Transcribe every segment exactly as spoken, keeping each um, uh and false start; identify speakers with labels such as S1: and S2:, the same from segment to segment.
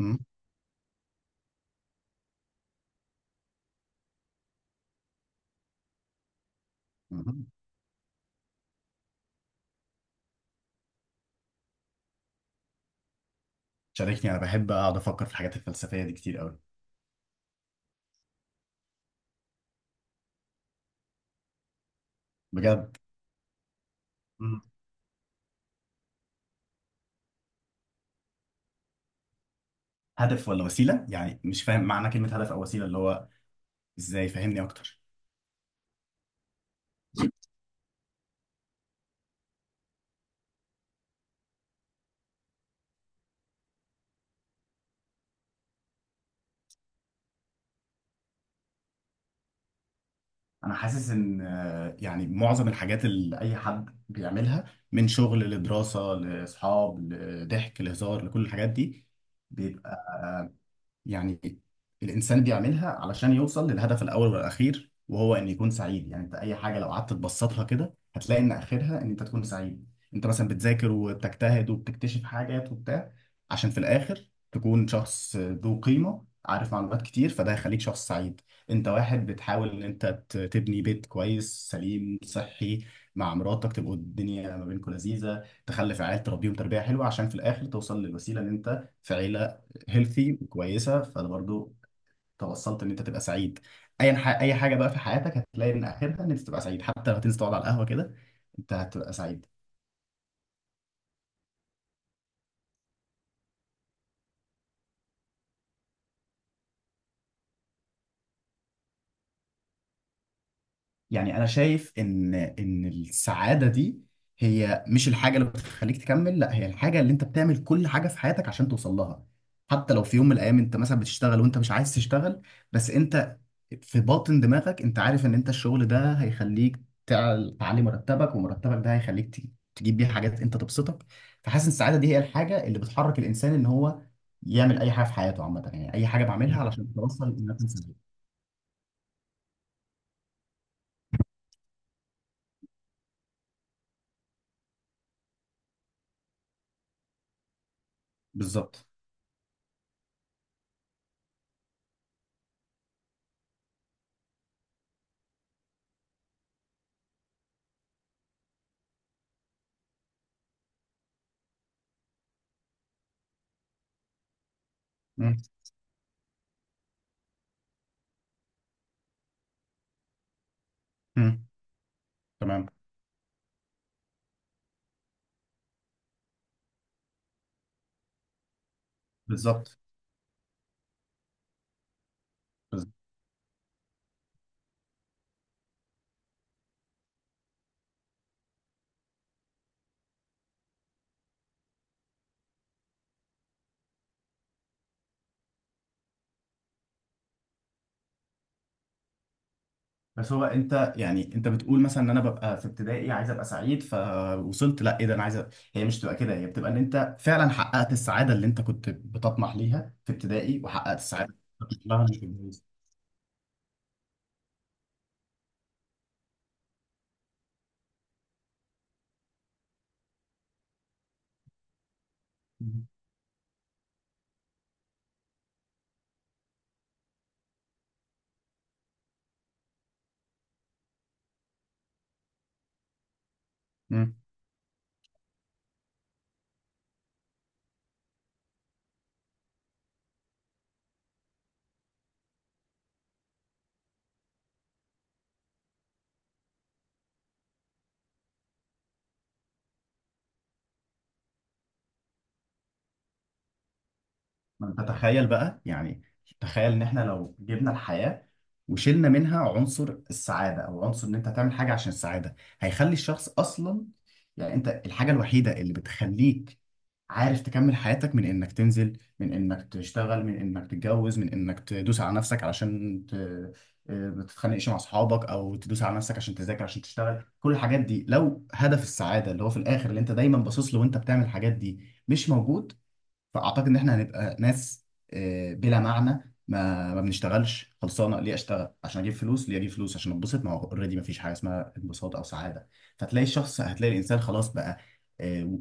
S1: مم. مم. شاركني، انا بحب اقعد افكر في الحاجات الفلسفيه دي كتير قوي. بجد. مم. هدف ولا وسيله؟ يعني مش فاهم معنى كلمه هدف او وسيله، اللي هو ازاي؟ فهمني اكتر. انا حاسس ان آه، يعني معظم الحاجات اللي اي حد بيعملها، من شغل لدراسه لاصحاب لضحك لهزار لكل الحاجات دي، يعني الإنسان بيعملها علشان يوصل للهدف الأول والأخير، وهو إن يكون سعيد. يعني أنت أي حاجة لو قعدت تبسطها كده هتلاقي إن آخرها إن أنت تكون سعيد. أنت مثلا بتذاكر وبتجتهد وبتكتشف حاجات وبتاع، عشان في الآخر تكون شخص ذو قيمة، عارف معلومات كتير، فده هيخليك شخص سعيد. أنت واحد بتحاول إن أنت ت- تبني بيت كويس سليم صحي مع مراتك، تبقوا الدنيا ما بينكم لذيذة، تخلف عيال تربيهم تربية حلوة، عشان في الآخر توصل للوسيلة إن أنت في عيلة هيلثي وكويسه. فانا برضو توصلت ان انت تبقى سعيد. اي ح- اي حاجه بقى في حياتك هتلاقي ان اخرها ان انت تبقى سعيد، حتى لو هتنزل تقعد على القهوه كده، انت هتبقى سعيد. يعني انا شايف ان ان السعاده دي هي مش الحاجه اللي بتخليك تكمل، لا، هي الحاجه اللي انت بتعمل كل حاجه في حياتك عشان توصل لها. حتى لو في يوم من الايام انت مثلا بتشتغل وانت مش عايز تشتغل، بس انت في باطن دماغك انت عارف ان انت الشغل ده هيخليك تع- تعلي مرتبك، ومرتبك ده هيخليك تج- تجيب بيه حاجات انت تبسطك. فحاسس إن السعاده دي هي الحاجه اللي بتحرك الانسان ان هو يعمل اي حاجه في حياته عامه. يعني اي حاجه بعملها علشان توصل ان انا أكون سعيد. بالظبط. مم. مم. تمام. بالظبط. بالظبط. بس هو انت يعني انت بتقول مثلا ان انا ببقى في ابتدائي عايز ابقى سعيد، فوصلت لا ايه ده انا عايز أ- هي مش بتبقى كده، هي بتبقى ان انت فعلا حققت السعاده اللي انت كنت بتطمح ليها في ابتدائي، وحققت السعاده اللي كنت بتطمح لها في الجامعة. مم. ما انت تخيل بقى، يعني تخيل ان احنا لو جبنا الحياة وشلنا منها عنصر السعادة، او عنصر ان انت تعمل حاجة عشان السعادة، هيخلي الشخص اصلا، يعني انت الحاجة الوحيدة اللي بتخليك عارف تكمل حياتك، من انك تنزل، من انك تشتغل، من انك تتجوز، من انك تدوس على نفسك علشان ت... آه، ما تتخانقش مع اصحابك، او تدوس على نفسك عشان تذاكر عشان تشتغل، كل الحاجات دي لو هدف السعادة اللي هو في الاخر اللي انت دايما باصص له وانت بتعمل الحاجات دي مش موجود، فاعتقد ان احنا هنبقى ناس آه، بلا معنى. ما ما بنشتغلش خلصانه. ليه اشتغل؟ عشان اجيب فلوس. ليه اجيب فلوس؟ عشان اتبسط. ما هو اوريدي ما فيش حاجه اسمها انبساط او سعاده. فتلاقي الشخص، هتلاقي الانسان خلاص بقى آه،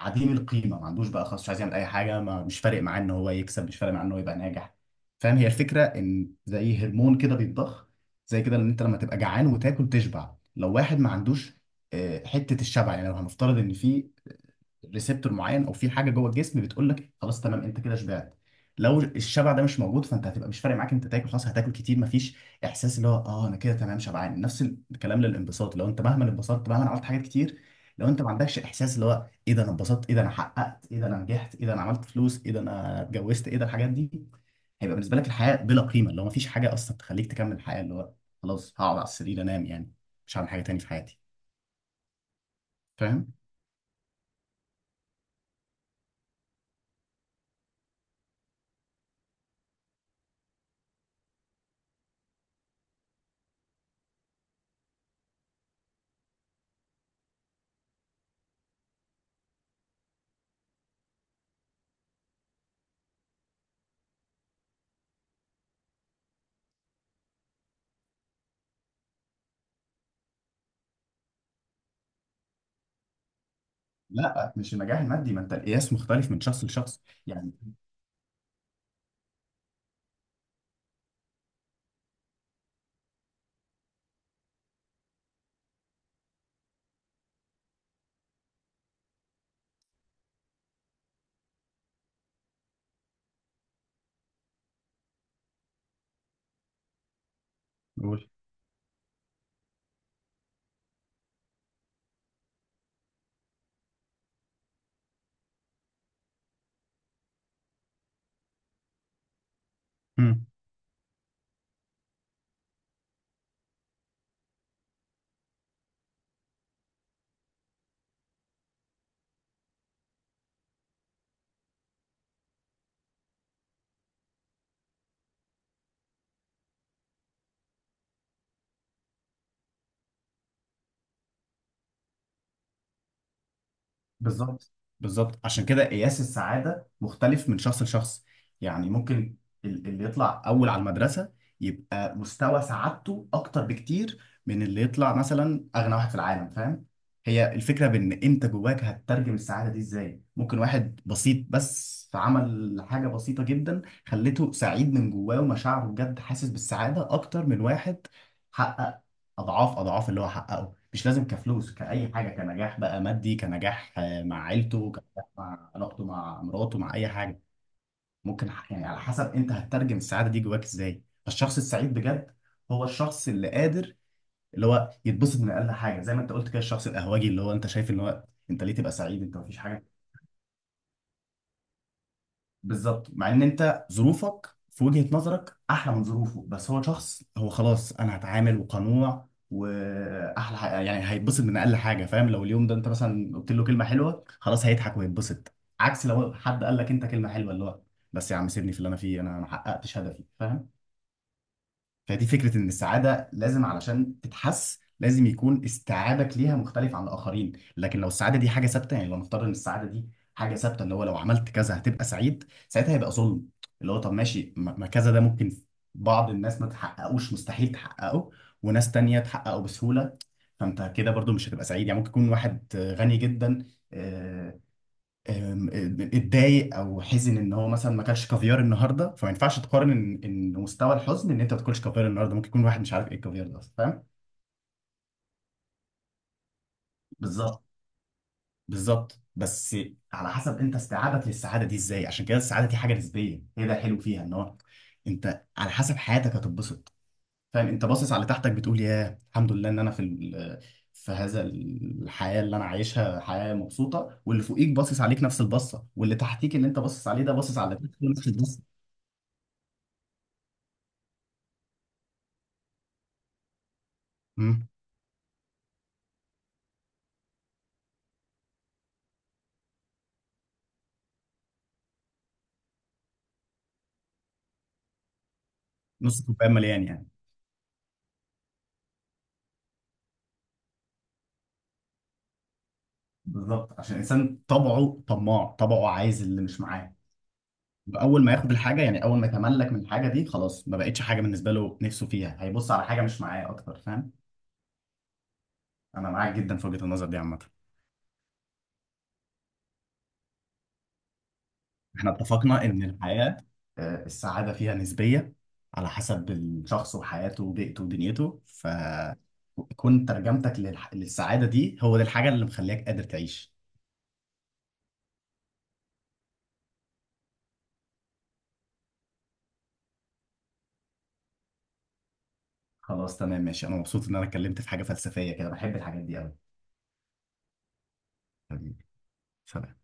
S1: عديم القيمه، ما عندوش بقى خلاص، مش عايز يعمل اي حاجه، ما مش فارق معاه ان هو يكسب، مش فارق معاه ان هو يبقى ناجح. فاهم؟ هي الفكره ان زي هرمون كده بيتضخ. زي كده ان انت لما تبقى جعان وتاكل تشبع. لو واحد ما عندوش آه، حته الشبع، يعني لو هنفترض ان في ريسبتور معين او في حاجه جوه الجسم بتقول لك خلاص تمام انت كده شبعت، لو الشبع ده مش موجود فانت هتبقى مش فارق معاك انت تاكل، خلاص هتاكل كتير، مفيش احساس اللي هو اه انا كده تمام شبعان. نفس الكلام للانبساط. لو انت مهما انبسطت، مهما عملت حاجات كتير، لو انت ما عندكش احساس اللي هو ايه ده انا انبسطت، ايه ده انا حققت، ايه ده انا نجحت، ايه ده انا عملت فلوس، ايه ده انا اتجوزت، ايه ده الحاجات دي، هيبقى بالنسبه لك الحياه بلا قيمه، اللي هو مفيش حاجه اصلا تخليك تكمل الحياه. اللي هو خلاص هقعد على السرير انام يعني، مش هعمل حاجه تاني في حياتي. فاهم؟ لا مش النجاح المادي. ما انت القياس مختلف من شخص لشخص يعني. قول. مم. بالظبط. بالظبط، عشان كده قياس السعادة مختلف من شخص لشخص. يعني ممكن ال- اللي يطلع أول على المدرسة يبقى مستوى سعادته أكتر بكتير من اللي يطلع مثلا أغنى واحد في العالم. فاهم؟ هي الفكرة بإن أنت جواك هتترجم السعادة دي إزاي. ممكن واحد بسيط بس فعمل حاجة بسيطة جدا خلته سعيد من جواه ومشاعره بجد، حاسس بالسعادة أكتر من واحد حقق اضعاف اضعاف اللي هو حققه. مش لازم كفلوس، كأي حاجة، كنجاح بقى مادي، كنجاح آه، مع عيلته، كنجاح مع علاقته مع مراته، مع اي حاجة. ممكن ح- يعني على حسب انت هتترجم السعادة دي جواك ازاي. فالشخص السعيد بجد هو الشخص اللي قادر اللي هو يتبسط من اقل حاجة. زي ما انت قلت كده، الشخص القهوجي اللي هو انت شايف ان هو انت ليه تبقى سعيد، انت مفيش حاجة. بالظبط، مع ان انت ظروفك في وجهة نظرك احلى من ظروفه، بس هو شخص هو خلاص انا هتعامل وقنوع. واحلى ح- يعني هيتبسط من اقل حاجه. فاهم؟ لو اليوم ده انت مثلا قلت له كلمه حلوه، خلاص هيضحك ويتبسط. عكس لو حد قال لك انت كلمه حلوه، اللي هو بس يا عم سيبني في اللي انا فيه، انا ما حققتش هدفي. فاهم؟ فدي فكرة إن السعادة لازم علشان تتحس لازم يكون استيعابك ليها مختلف عن الآخرين. لكن لو السعادة دي حاجة ثابتة، يعني لو نفترض إن السعادة دي حاجة ثابتة، اللي هو لو عملت كذا هتبقى سعيد، ساعتها هيبقى ظلم. اللي هو طب ماشي، ما ما كذا ده ممكن بعض الناس ما تحققوش، مستحيل تحققه، وناس تانية تحققه بسهولة. فأنت كده برضو مش هتبقى سعيد. يعني ممكن يكون واحد آه، غني جدا، آه، أم، آه، اتضايق او حزن ان هو مثلا ما اكلش كافيار النهارده. فما ينفعش تقارن ان إن مستوى الحزن ان انت ما تاكلش كافيار النهارده، ممكن يكون واحد مش عارف ايه الكافيار ده اصلا. فاهم؟ بالظبط. بالظبط بس على حسب انت استيعابك للسعاده دي ازاي. عشان كده السعاده دي حاجه نسبيه، هي ده الحلو فيها، ان هو انت على حسب حياتك هتتبسط. فاهم؟ انت باصص على تحتك بتقول يا الحمد لله ان انا في ال- في هذا الحياه اللي انا عايشها، حياه مبسوطه. واللي فوقيك باصص عليك نفس البصه، واللي تحتيك اللي انت باصص عليه ده باصص على نفس البصه. نص كوبايه مليان يعني. بالظبط، عشان الانسان طبعه طماع، طبعه عايز اللي مش معاه. اول ما ياخد الحاجه، يعني اول ما يتملك من الحاجه دي، خلاص ما بقتش حاجه بالنسبه له، نفسه فيها، هيبص على حاجه مش معاه اكتر. فاهم؟ انا معاك جدا في وجهه النظر دي عامه. احنا اتفقنا ان الحياه آه، السعاده فيها نسبيه على حسب الشخص وحياته وبيئته ودنيته. فكون ترجمتك للح- للسعاده دي هو دي الحاجه اللي مخليك قادر تعيش. خلاص تمام ماشي، انا مبسوط ان انا اتكلمت في حاجه فلسفيه كده، بحب الحاجات دي قوي. حبيبي. سلام.